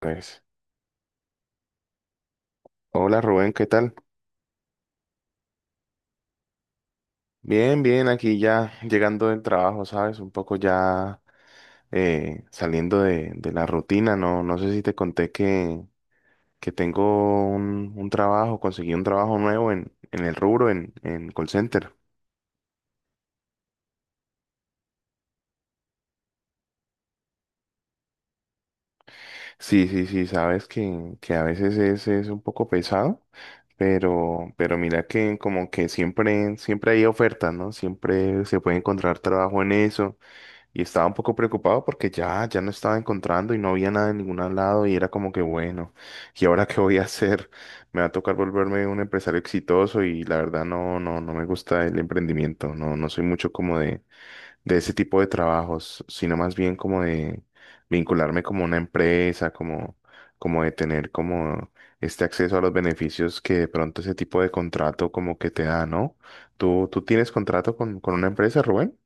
Pues, hola Rubén, ¿qué tal? Bien, bien, aquí ya llegando del trabajo, ¿sabes? Un poco ya saliendo de la rutina, ¿no? No sé si te conté que tengo un trabajo, conseguí un trabajo nuevo en el rubro, en call center. Sí, sí, sí, sabes que a veces es un poco pesado, pero mira que como que siempre hay ofertas, ¿no? Siempre se puede encontrar trabajo en eso. Y estaba un poco preocupado porque ya no estaba encontrando y no había nada en ningún lado y era como que bueno, ¿y ahora qué voy a hacer? Me va a tocar volverme un empresario exitoso y la verdad no, no, no me gusta el emprendimiento, no, no soy mucho como de ese tipo de trabajos, sino más bien como de vincularme como una empresa, como, como de tener como este acceso a los beneficios que de pronto ese tipo de contrato como que te da, ¿no? ¿Tú, tú tienes contrato con una empresa, Rubén?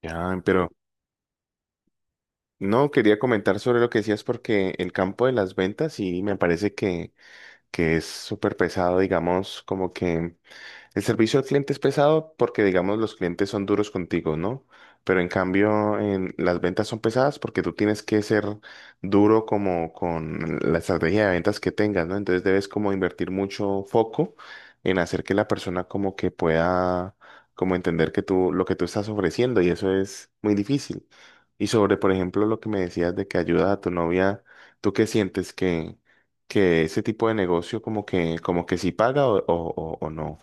Ya, pero no, quería comentar sobre lo que decías porque el campo de las ventas sí me parece que es súper pesado, digamos, como que el servicio al cliente es pesado porque, digamos, los clientes son duros contigo, ¿no? Pero en cambio, las ventas son pesadas porque tú tienes que ser duro como con la estrategia de ventas que tengas, ¿no? Entonces debes como invertir mucho foco en hacer que la persona como que pueda como entender que tú lo que tú estás ofreciendo y eso es muy difícil. Y sobre, por ejemplo, lo que me decías de que ayuda a tu novia, ¿tú qué sientes que ese tipo de negocio como que sí paga o o no?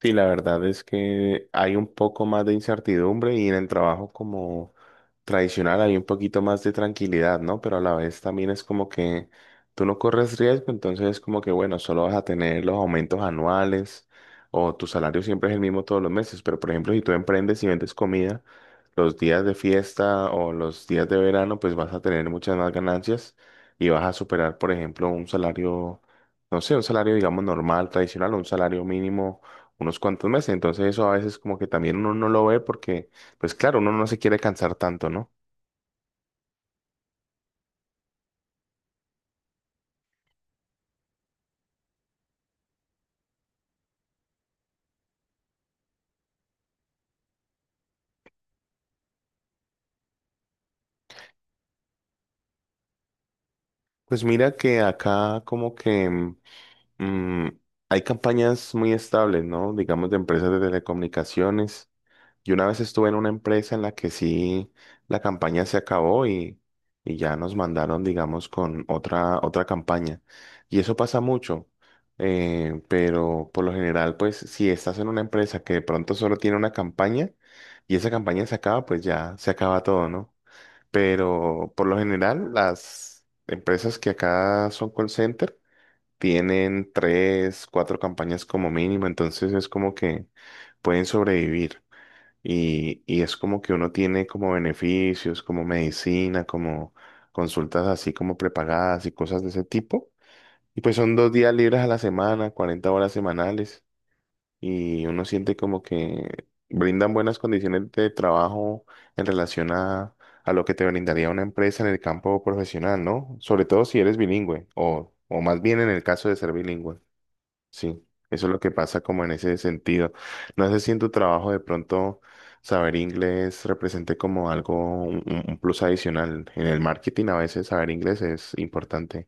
Sí, la verdad es que hay un poco más de incertidumbre y en el trabajo como tradicional hay un poquito más de tranquilidad, ¿no? Pero a la vez también es como que tú no corres riesgo, entonces es como que, bueno, solo vas a tener los aumentos anuales o tu salario siempre es el mismo todos los meses, pero por ejemplo, si tú emprendes y vendes comida, los días de fiesta o los días de verano, pues vas a tener muchas más ganancias y vas a superar, por ejemplo, un salario, no sé, un salario, digamos, normal, tradicional, o un salario mínimo unos cuantos meses. Entonces eso a veces como que también uno no lo ve porque, pues claro, uno no se quiere cansar tanto, ¿no? Pues mira que acá como que mm, hay campañas muy estables, ¿no? Digamos de empresas de telecomunicaciones. Yo una vez estuve en una empresa en la que sí la campaña se acabó y ya nos mandaron, digamos, con otra, otra campaña. Y eso pasa mucho, pero por lo general, pues si estás en una empresa que de pronto solo tiene una campaña y esa campaña se acaba, pues ya se acaba todo, ¿no? Pero por lo general, las empresas que acá son call center tienen tres, cuatro campañas como mínimo, entonces es como que pueden sobrevivir. Y es como que uno tiene como beneficios, como medicina, como consultas así como prepagadas y cosas de ese tipo. Y pues son 2 días libres a la semana, 40 horas semanales. Y uno siente como que brindan buenas condiciones de trabajo en relación a lo que te brindaría una empresa en el campo profesional, ¿no? Sobre todo si eres bilingüe o más bien en el caso de ser bilingüe. Sí, eso es lo que pasa como en ese sentido. No sé si en tu trabajo de pronto saber inglés represente como algo, un, un plus adicional. En el marketing a veces saber inglés es importante.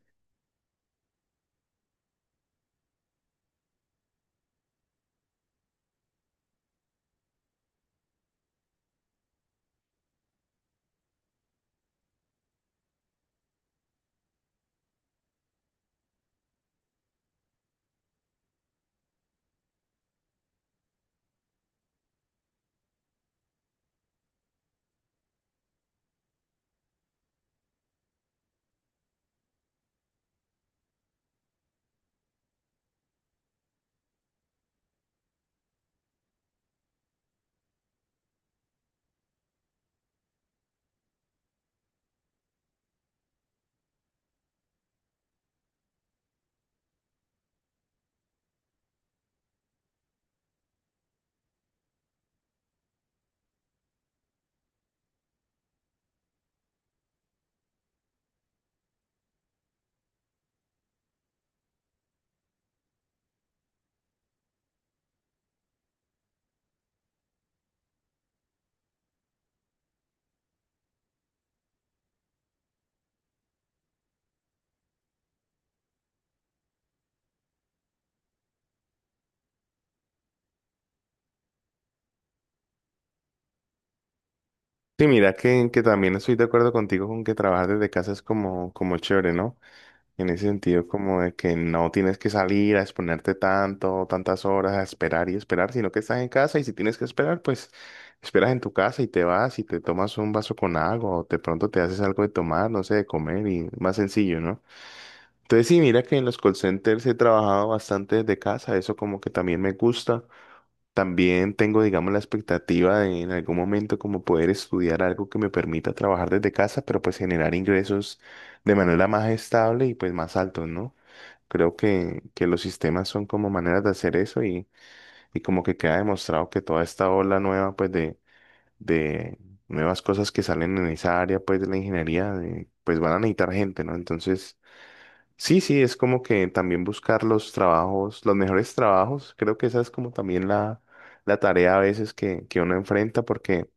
Sí, mira que también estoy de acuerdo contigo con que trabajar desde casa es como, como chévere, ¿no? En ese sentido, como de que no tienes que salir a exponerte tanto, tantas horas a esperar y esperar, sino que estás en casa y si tienes que esperar, pues esperas en tu casa y te vas y te tomas un vaso con agua o de pronto te haces algo de tomar, no sé, de comer y más sencillo, ¿no? Entonces sí, mira que en los call centers he trabajado bastante desde casa, eso como que también me gusta. También tengo, digamos, la expectativa de en algún momento como poder estudiar algo que me permita trabajar desde casa, pero pues generar ingresos de manera más estable y pues más altos, ¿no? Creo que los sistemas son como maneras de hacer eso y como que queda demostrado que toda esta ola nueva, pues de nuevas cosas que salen en esa área, pues de la ingeniería, de- pues van a necesitar gente, ¿no? Entonces, sí, sí, es como que también buscar los trabajos, los mejores trabajos. Creo que esa es como también la tarea a veces que uno enfrenta porque,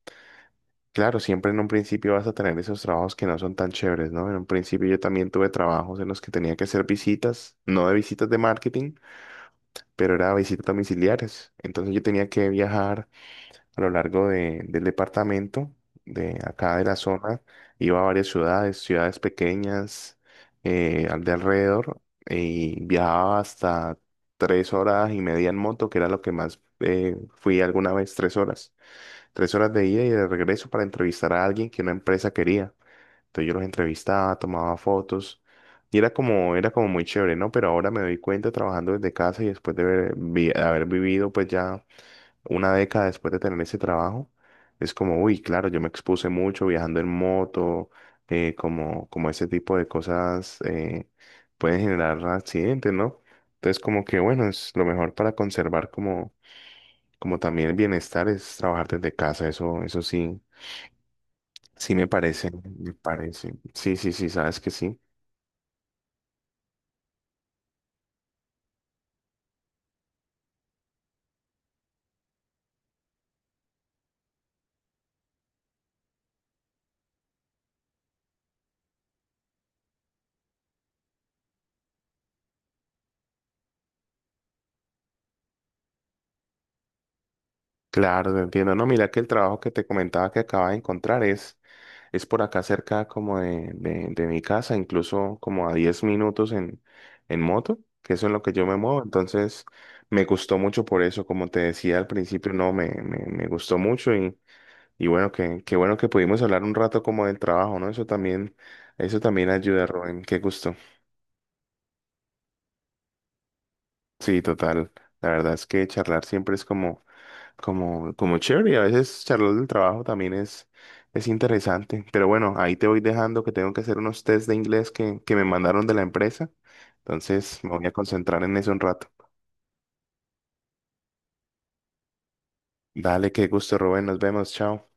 claro, siempre en un principio vas a tener esos trabajos que no son tan chéveres, ¿no? En un principio yo también tuve trabajos en los que tenía que hacer visitas, no de visitas de marketing pero era visitas domiciliarias. Entonces yo tenía que viajar a lo largo del departamento, de acá de la zona, iba a varias ciudades, ciudades pequeñas, al de alrededor, y viajaba hasta 3 horas y media en moto, que era lo que más fui alguna vez, 3 horas. 3 horas de ida y de regreso para entrevistar a alguien que una empresa quería. Entonces yo los entrevistaba, tomaba fotos y era como muy chévere, ¿no? Pero ahora me doy cuenta trabajando desde casa y después de haber, haber vivido pues ya una década después de tener ese trabajo, es como, uy, claro, yo me expuse mucho viajando en moto, como, como ese tipo de cosas pueden generar accidentes, ¿no? Entonces como que bueno, es lo mejor para conservar como, como también el bienestar es trabajar desde casa, eso sí, sí me parece, me parece. Sí, sí, sí, sabes que sí. Claro, te entiendo. No, mira que el trabajo que te comentaba que acaba de encontrar es por acá cerca como de mi casa, incluso como a 10 minutos en moto, que eso es lo que yo me muevo. Entonces, me gustó mucho por eso, como te decía al principio, no, me gustó mucho y bueno, que, qué bueno que pudimos hablar un rato como del trabajo, ¿no? Eso también ayuda, Rubén. Qué gusto. Sí, total. La verdad es que charlar siempre es como, como, como chévere y a veces charlar del trabajo también es interesante. Pero bueno, ahí te voy dejando que tengo que hacer unos test de inglés que me mandaron de la empresa. Entonces me voy a concentrar en eso un rato. Dale, qué gusto, Rubén. Nos vemos. Chao.